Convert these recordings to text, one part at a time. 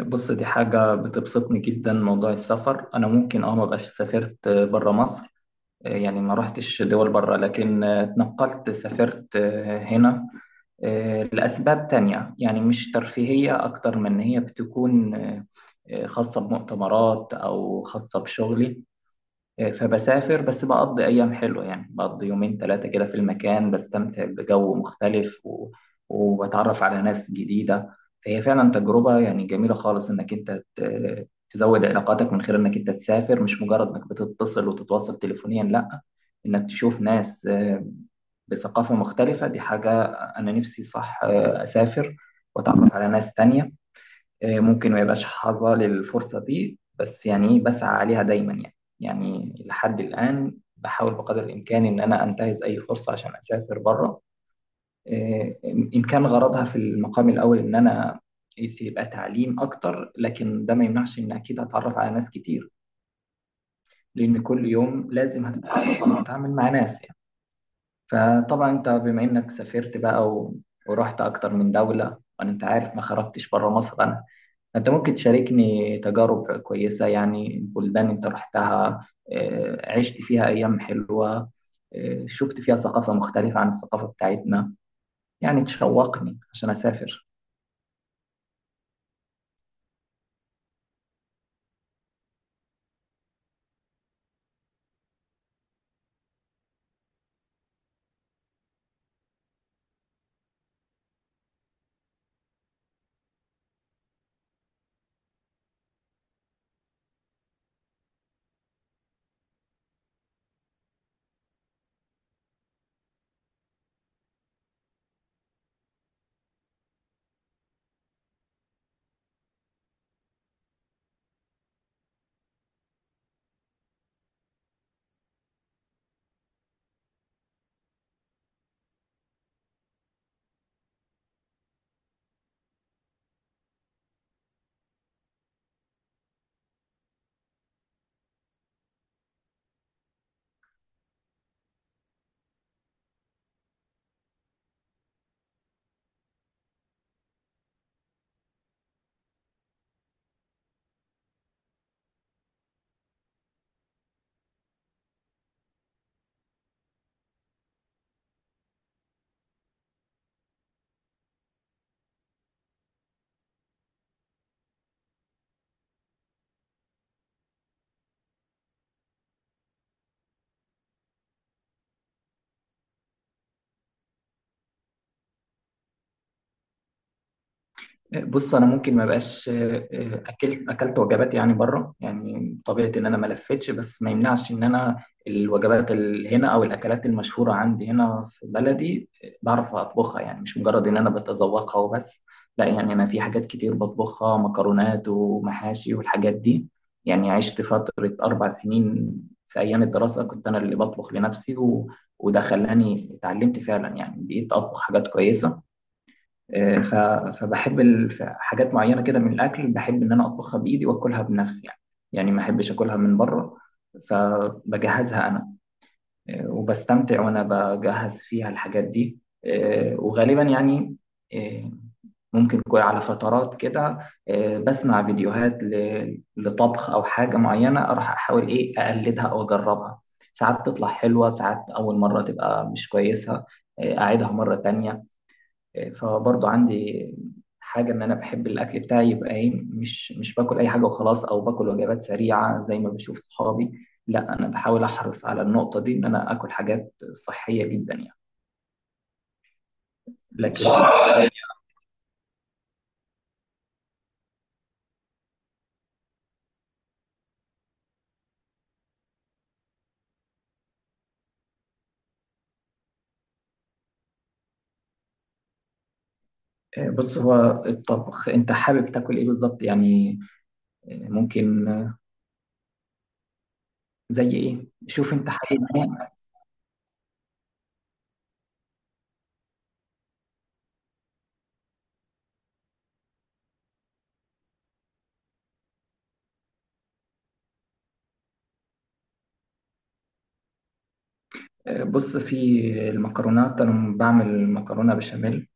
بص، دي حاجة بتبسطني جدا. موضوع السفر أنا ممكن مبقاش سافرت برا مصر. يعني ما رحتش دول برا، لكن اتنقلت سافرت هنا لأسباب تانية، يعني مش ترفيهية، أكتر من إن هي بتكون خاصة بمؤتمرات أو خاصة بشغلي. فبسافر، بس بقضي أيام حلوة، يعني بقضي يومين ثلاثة كده في المكان، بستمتع بجو مختلف و... وبتعرف على ناس جديدة. فهي فعلا تجربة يعني جميلة خالص إنك أنت تزود علاقاتك من خلال إنك أنت تسافر، مش مجرد إنك بتتصل وتتواصل تليفونيا. لأ، إنك تشوف ناس بثقافة مختلفة. دي حاجة أنا نفسي، صح. أسافر وأتعرف على ناس تانية. ممكن ما يبقاش حظى للفرصة دي، بس يعني إيه، بسعى عليها دايما يعني. يعني لحد الآن بحاول بقدر الإمكان إن أنا أنتهز أي فرصة عشان أسافر بره، إن كان غرضها في المقام الأول إن أنا يبقى تعليم أكتر، لكن ده ما يمنعش إن أكيد هتعرف على ناس كتير، لأن كل يوم لازم هتتعرف أو هتتعامل مع ناس يعني. فطبعا أنت بما إنك سافرت بقى و- ورحت أكتر من دولة، وأنا أنت عارف ما خرجتش بره مصر، أنا أنت ممكن تشاركني تجارب كويسة، يعني بلدان أنت رحتها، عشت فيها أيام حلوة، شفت فيها ثقافة مختلفة عن الثقافة بتاعتنا، يعني تشوقني عشان أسافر. بص انا ممكن ما بقاش اكلت وجبات يعني بره، يعني طبيعه ان انا ما لفتش، بس ما يمنعش ان انا الوجبات اللي هنا او الاكلات المشهوره عندي هنا في بلدي بعرف اطبخها، يعني مش مجرد ان انا بتذوقها وبس، لا. يعني انا في حاجات كتير بطبخها، مكرونات ومحاشي والحاجات دي. يعني عشت فتره اربع سنين في ايام الدراسه كنت انا اللي بطبخ لنفسي، و... وده خلاني اتعلمت فعلا، يعني بقيت اطبخ حاجات كويسه. آه، ف- فبحب حاجات معينة كده من الأكل، بحب إن أنا أطبخها بإيدي وأكلها بنفسي يعني. يعني ما أحبش أكلها من بره، فبجهزها أنا. وبستمتع وأنا بجهز فيها الحاجات دي. وغالبا يعني آه، ممكن يكون على فترات كده. بسمع فيديوهات لطبخ أو حاجة معينة، أروح أحاول إيه أقلدها أو أجربها. ساعات تطلع حلوة، ساعات أول مرة تبقى مش كويسة، أعيدها مرة تانية. فبرضو عندي حاجة إن أنا بحب الأكل بتاعي يبقى إيه، مش باكل أي حاجة وخلاص أو باكل وجبات سريعة زي ما بشوف صحابي، لا. أنا بحاول أحرص على النقطة دي، إن أنا آكل حاجات صحية جدا يعني. لكن بص، هو الطبخ أنت حابب تاكل إيه بالظبط يعني؟ آه، ممكن آه، زي إيه، شوف أنت حابب إيه. بص في المكرونات، أنا بعمل مكرونة بشاميل،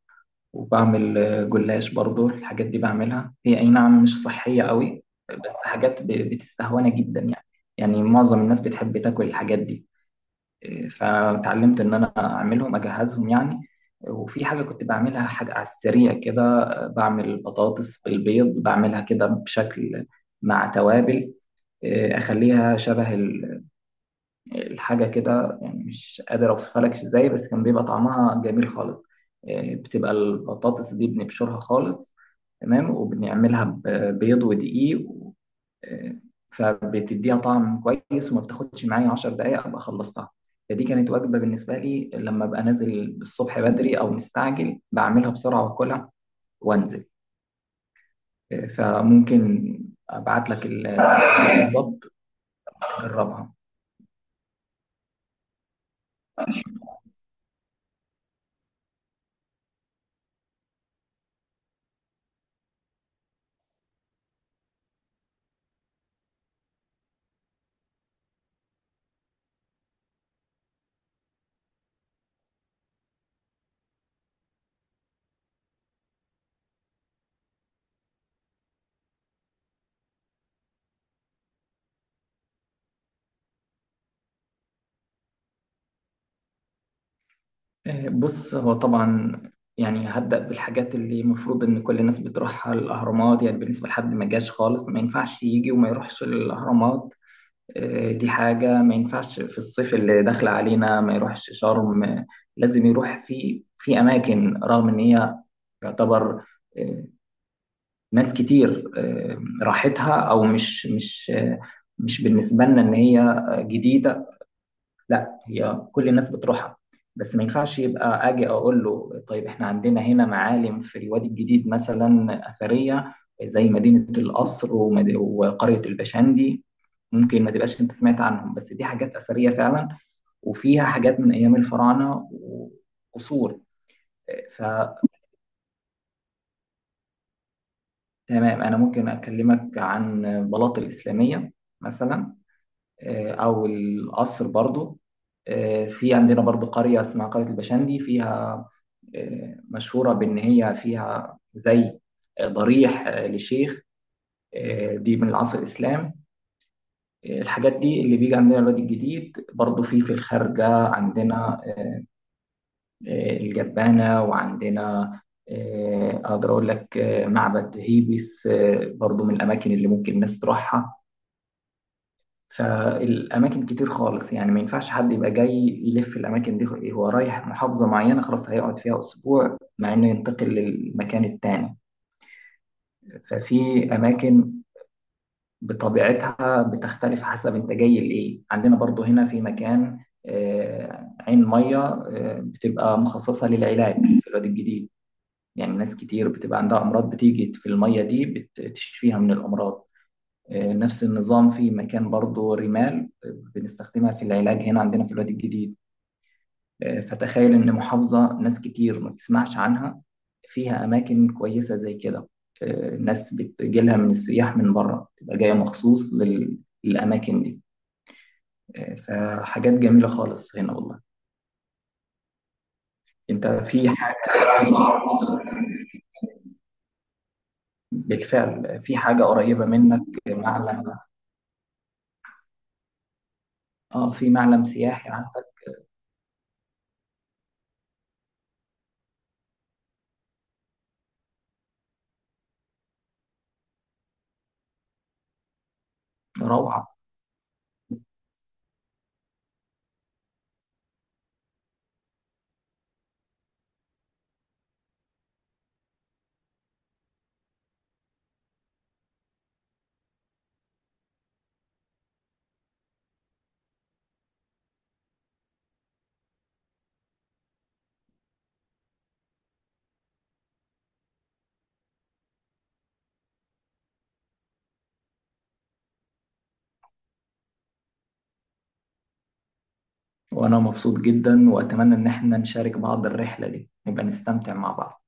وبعمل جلاش برضو. الحاجات دي بعملها، هي أي نعم مش صحية قوي، بس حاجات بتستهوانا جدا يعني، يعني معظم الناس بتحب تاكل الحاجات دي. فتعلمت إن أنا أعملهم أجهزهم يعني. وفي حاجة كنت بعملها، حاجة على السريع كده، بعمل بطاطس بالبيض، بعملها كده بشكل، مع توابل. أخليها شبه الحاجة كده، يعني مش قادر أوصفها لك إزاي، بس كان بيبقى طعمها جميل خالص. بتبقى البطاطس دي بنبشرها خالص، تمام، وبنعملها ببيض ودقيق آه، فبتديها طعم كويس، وما بتاخدش معايا 10 دقايق أبقى خلصتها. فدي كانت وجبة بالنسبة لي، لما أبقى نازل الصبح بدري أو مستعجل، بعملها بسرعة وأكلها وأنزل. فممكن أبعت لك بالظبط تجربها. بص هو طبعا يعني هبدأ بالحاجات اللي المفروض إن كل الناس بتروحها، الأهرامات، يعني بالنسبة لحد ما جاش خالص، ما ينفعش يجي وما يروحش الأهرامات. دي حاجة ما ينفعش. في الصيف اللي داخل علينا ما يروحش شرم. لازم يروح في أماكن رغم إن هي يعتبر آه، ناس كتير راحتها، أو مش بالنسبة لنا إن هي جديدة، لا هي كل الناس بتروحها. بس ما ينفعش يبقى اجي اقول له، طيب احنا عندنا هنا معالم في الوادي الجديد مثلا اثريه، زي مدينه القصر ومد- وقريه البشندي. ممكن ما تبقاش انت سمعت عنهم، بس دي حاجات اثريه فعلا وفيها حاجات من ايام الفراعنه وقصور. فتمام، انا ممكن اكلمك عن بلاط الاسلاميه مثلا، او القصر برضو. في عندنا برضو قرية اسمها قرية البشندي، فيها مشهورة بإن هي فيها زي ضريح لشيخ. دي من العصر الإسلام. الحاجات دي اللي بيجي عندنا الوادي الجديد. برضو في الخارجة عندنا الجبانة، وعندنا أقدر أقول لك معبد هيبس برضو، من الأماكن اللي ممكن الناس تروحها. فالاماكن كتير خالص، يعني ما ينفعش حد يبقى جاي يلف الاماكن دي، هو رايح محافظه معينه خلاص هيقعد فيها اسبوع مع انه ينتقل للمكان التاني. ففي اماكن بطبيعتها بتختلف حسب انت جاي لايه. عندنا برضو هنا في مكان عين ميه بتبقى مخصصه للعلاج في الوادي الجديد، يعني ناس كتير بتبقى عندها امراض بتيجي في الميه دي بتشفيها من الامراض. نفس النظام في مكان برضه رمال بنستخدمها في العلاج هنا عندنا في الوادي الجديد. فتخيل إن محافظة ناس كتير ما تسمعش عنها فيها أماكن كويسة زي كده. ناس بتجيلها من السياح من بره، تبقى جاية مخصوص للأماكن دي. فحاجات جميلة خالص هنا والله. أنت في حاجة بالفعل، في حاجة قريبة منك، معلم؟ اه، في معلم سياحي عندك؟ روعة. وأنا مبسوط جدا، وأتمنى إن احنا نشارك بعض الرحلة دي، نبقى نستمتع مع بعض.